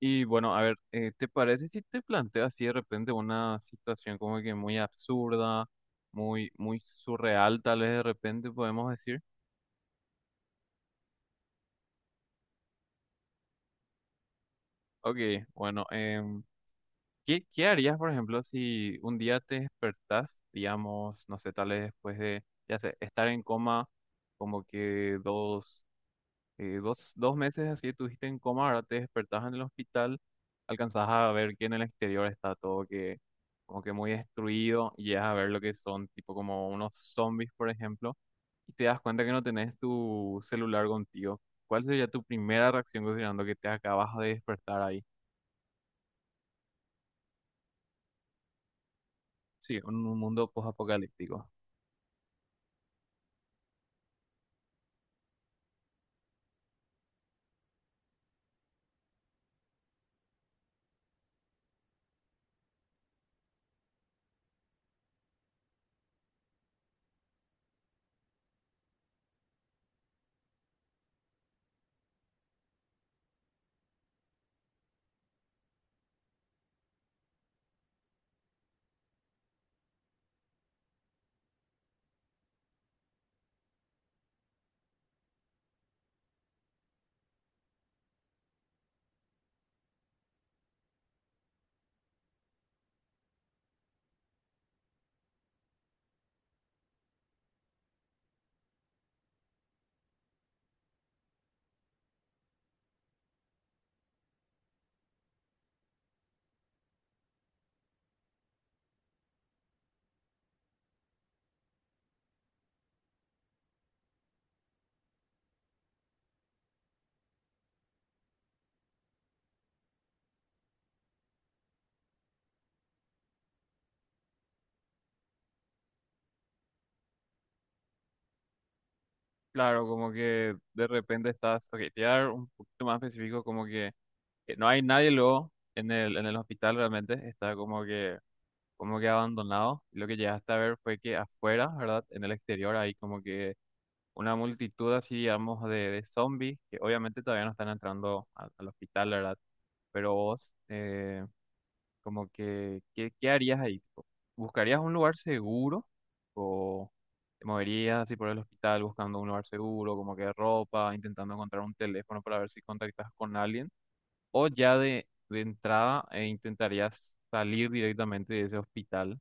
Y bueno, a ver, ¿te parece si te planteas así de repente una situación como que muy absurda, muy surreal, tal vez de repente podemos decir? Ok, bueno, ¿qué harías, por ejemplo, si un día te despertás, digamos, no sé, tal vez ya sé, estar en coma como que dos meses así estuviste en coma, ahora te despertás en el hospital, alcanzás a ver que en el exterior está como que muy destruido y llegas a ver lo que son tipo como unos zombies, por ejemplo, y te das cuenta que no tenés tu celular contigo. ¿Cuál sería tu primera reacción considerando que te acabas de despertar ahí? Sí, en un mundo post-apocalíptico. Claro, como que de repente estás, ok, te voy a dar un poquito más específico, como que no hay nadie luego en el hospital realmente, está como que abandonado. Lo que llegaste a ver fue que afuera, ¿verdad? En el exterior hay como que una multitud así, digamos, de zombies que obviamente todavía no están entrando al hospital, ¿verdad? Pero vos, como que, ¿qué harías ahí? Tipo, ¿buscarías un lugar seguro o te moverías así por el hospital buscando un lugar seguro, como que ropa, intentando encontrar un teléfono para ver si contactas con alguien? ¿O ya de entrada intentarías salir directamente de ese hospital?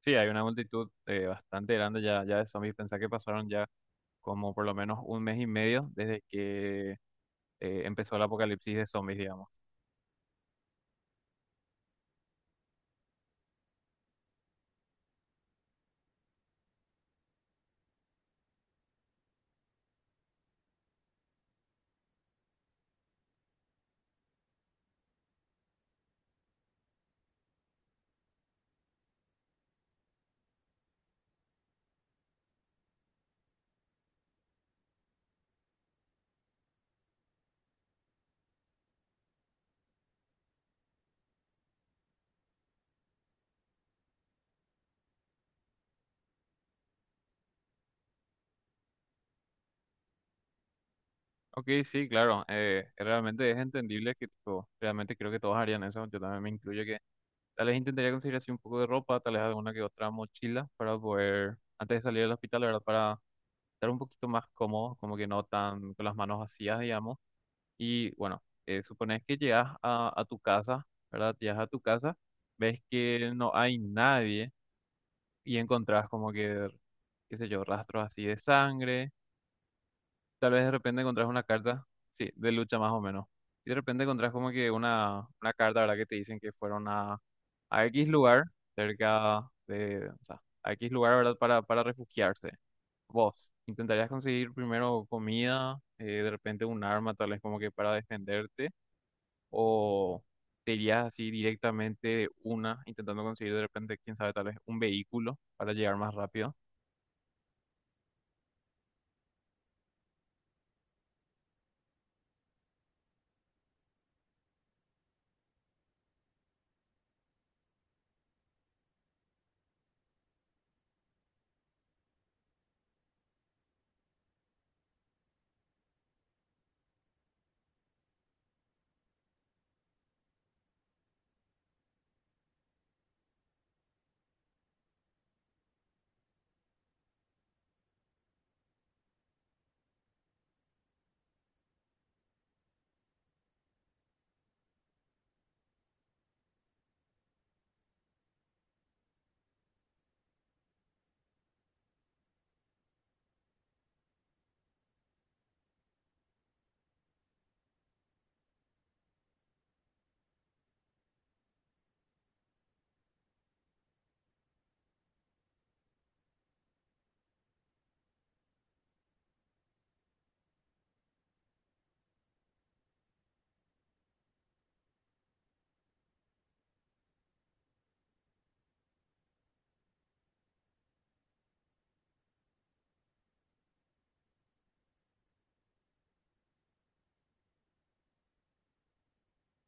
Sí, hay una multitud bastante grande ya de zombies. Pensá que pasaron ya como por lo menos un mes y medio desde que empezó el apocalipsis de zombies, digamos. Ok, sí, claro, realmente es entendible que tipo, realmente creo que todos harían eso, yo también me incluyo que tal vez intentaría conseguir así un poco de ropa, tal vez alguna que otra mochila para poder, antes de salir del hospital, la verdad, para estar un poquito más cómodo, como que no tan con las manos vacías, digamos. Y bueno, supones que llegas a tu casa, ¿verdad? Llegas a tu casa, ves que no hay nadie y encontrás qué sé yo, rastros así de sangre. Tal vez de repente encontrás una carta, sí, de lucha más o menos. Y de repente encontrás como que una carta, ¿verdad? Que te dicen que fueron a X lugar, cerca de, o sea, a X lugar, ¿verdad? Para refugiarse. Vos, ¿intentarías conseguir primero comida, de repente un arma, tal vez como que para defenderte? O te irías así directamente de una, intentando conseguir de repente, quién sabe, tal vez un vehículo para llegar más rápido.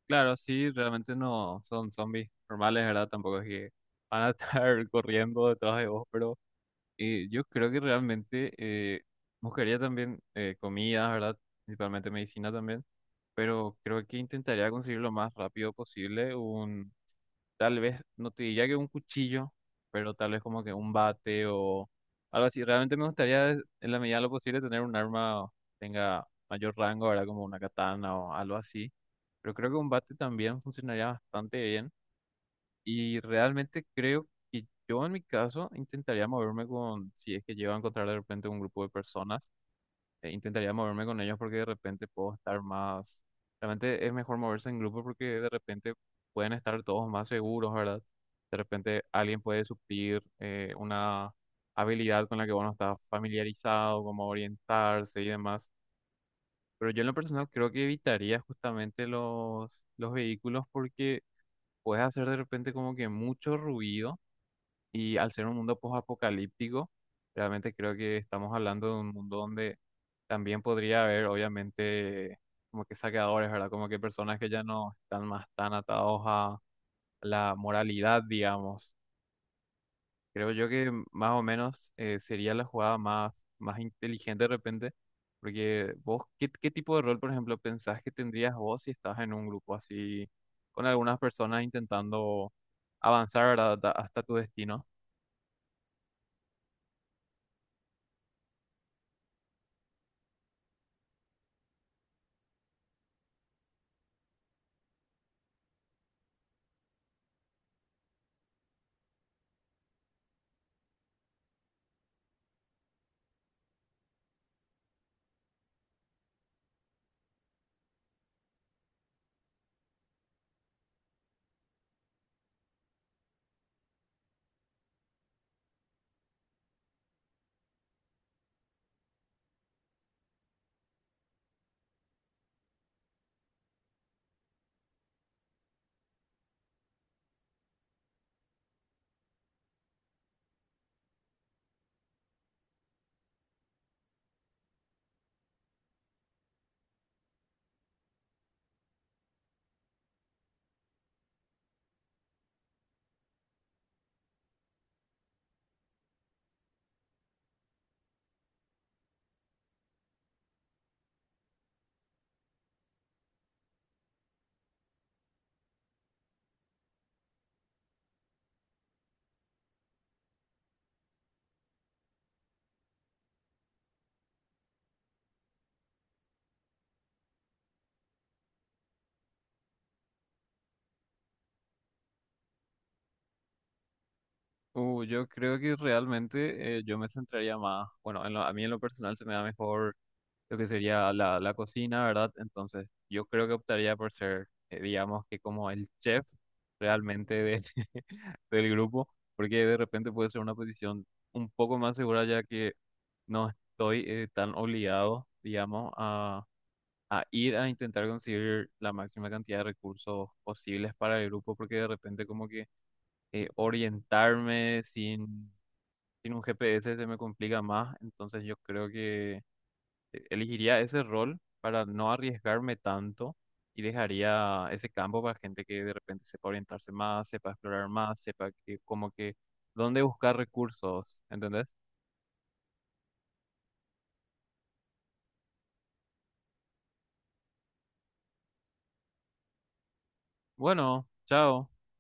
Claro, sí, realmente no son zombies normales, ¿verdad? Tampoco es que van a estar corriendo detrás de vos, pero yo creo que realmente buscaría también comida, ¿verdad? Principalmente medicina también, pero creo que intentaría conseguir lo más rápido posible un tal vez, no te diría que un cuchillo, pero tal vez como que un bate o algo así. Realmente me gustaría, en la medida de lo posible, tener un arma que tenga mayor rango, ¿verdad? Como una katana o algo así. Pero creo que un bate también funcionaría bastante bien. Y realmente creo que yo en mi caso intentaría moverme con, si es que llego a encontrar de repente un grupo de personas intentaría moverme con ellos porque de repente puedo estar más, realmente es mejor moverse en grupo porque de repente pueden estar todos más seguros, ¿verdad? De repente alguien puede suplir una habilidad con la que uno está familiarizado, como orientarse y demás. Pero yo en lo personal creo que evitaría justamente los vehículos porque puedes hacer de repente como que mucho ruido y al ser un mundo post-apocalíptico, realmente creo que estamos hablando de un mundo donde también podría haber, obviamente, como que saqueadores, ¿verdad? Como que personas que ya no están más tan atados a la moralidad, digamos. Creo yo que más o menos sería la jugada más inteligente de repente, porque vos, ¿qué tipo de rol, por ejemplo, pensás que tendrías vos si estás en un grupo así, con algunas personas intentando avanzar, ¿verdad? hasta tu destino? Yo creo que realmente yo me centraría más, bueno, a mí en lo personal se me da mejor lo que sería la cocina, ¿verdad? Entonces yo creo que optaría por ser, digamos que como el chef realmente del grupo, porque de repente puede ser una posición un poco más segura ya que no estoy tan obligado, digamos, a ir a intentar conseguir la máxima cantidad de recursos posibles para el grupo, porque de repente como que orientarme sin un GPS se me complica más, entonces yo creo que elegiría ese rol para no arriesgarme tanto y dejaría ese campo para gente que de repente sepa orientarse más, sepa explorar más, sepa que como que dónde buscar recursos, ¿entendés? Bueno, chao.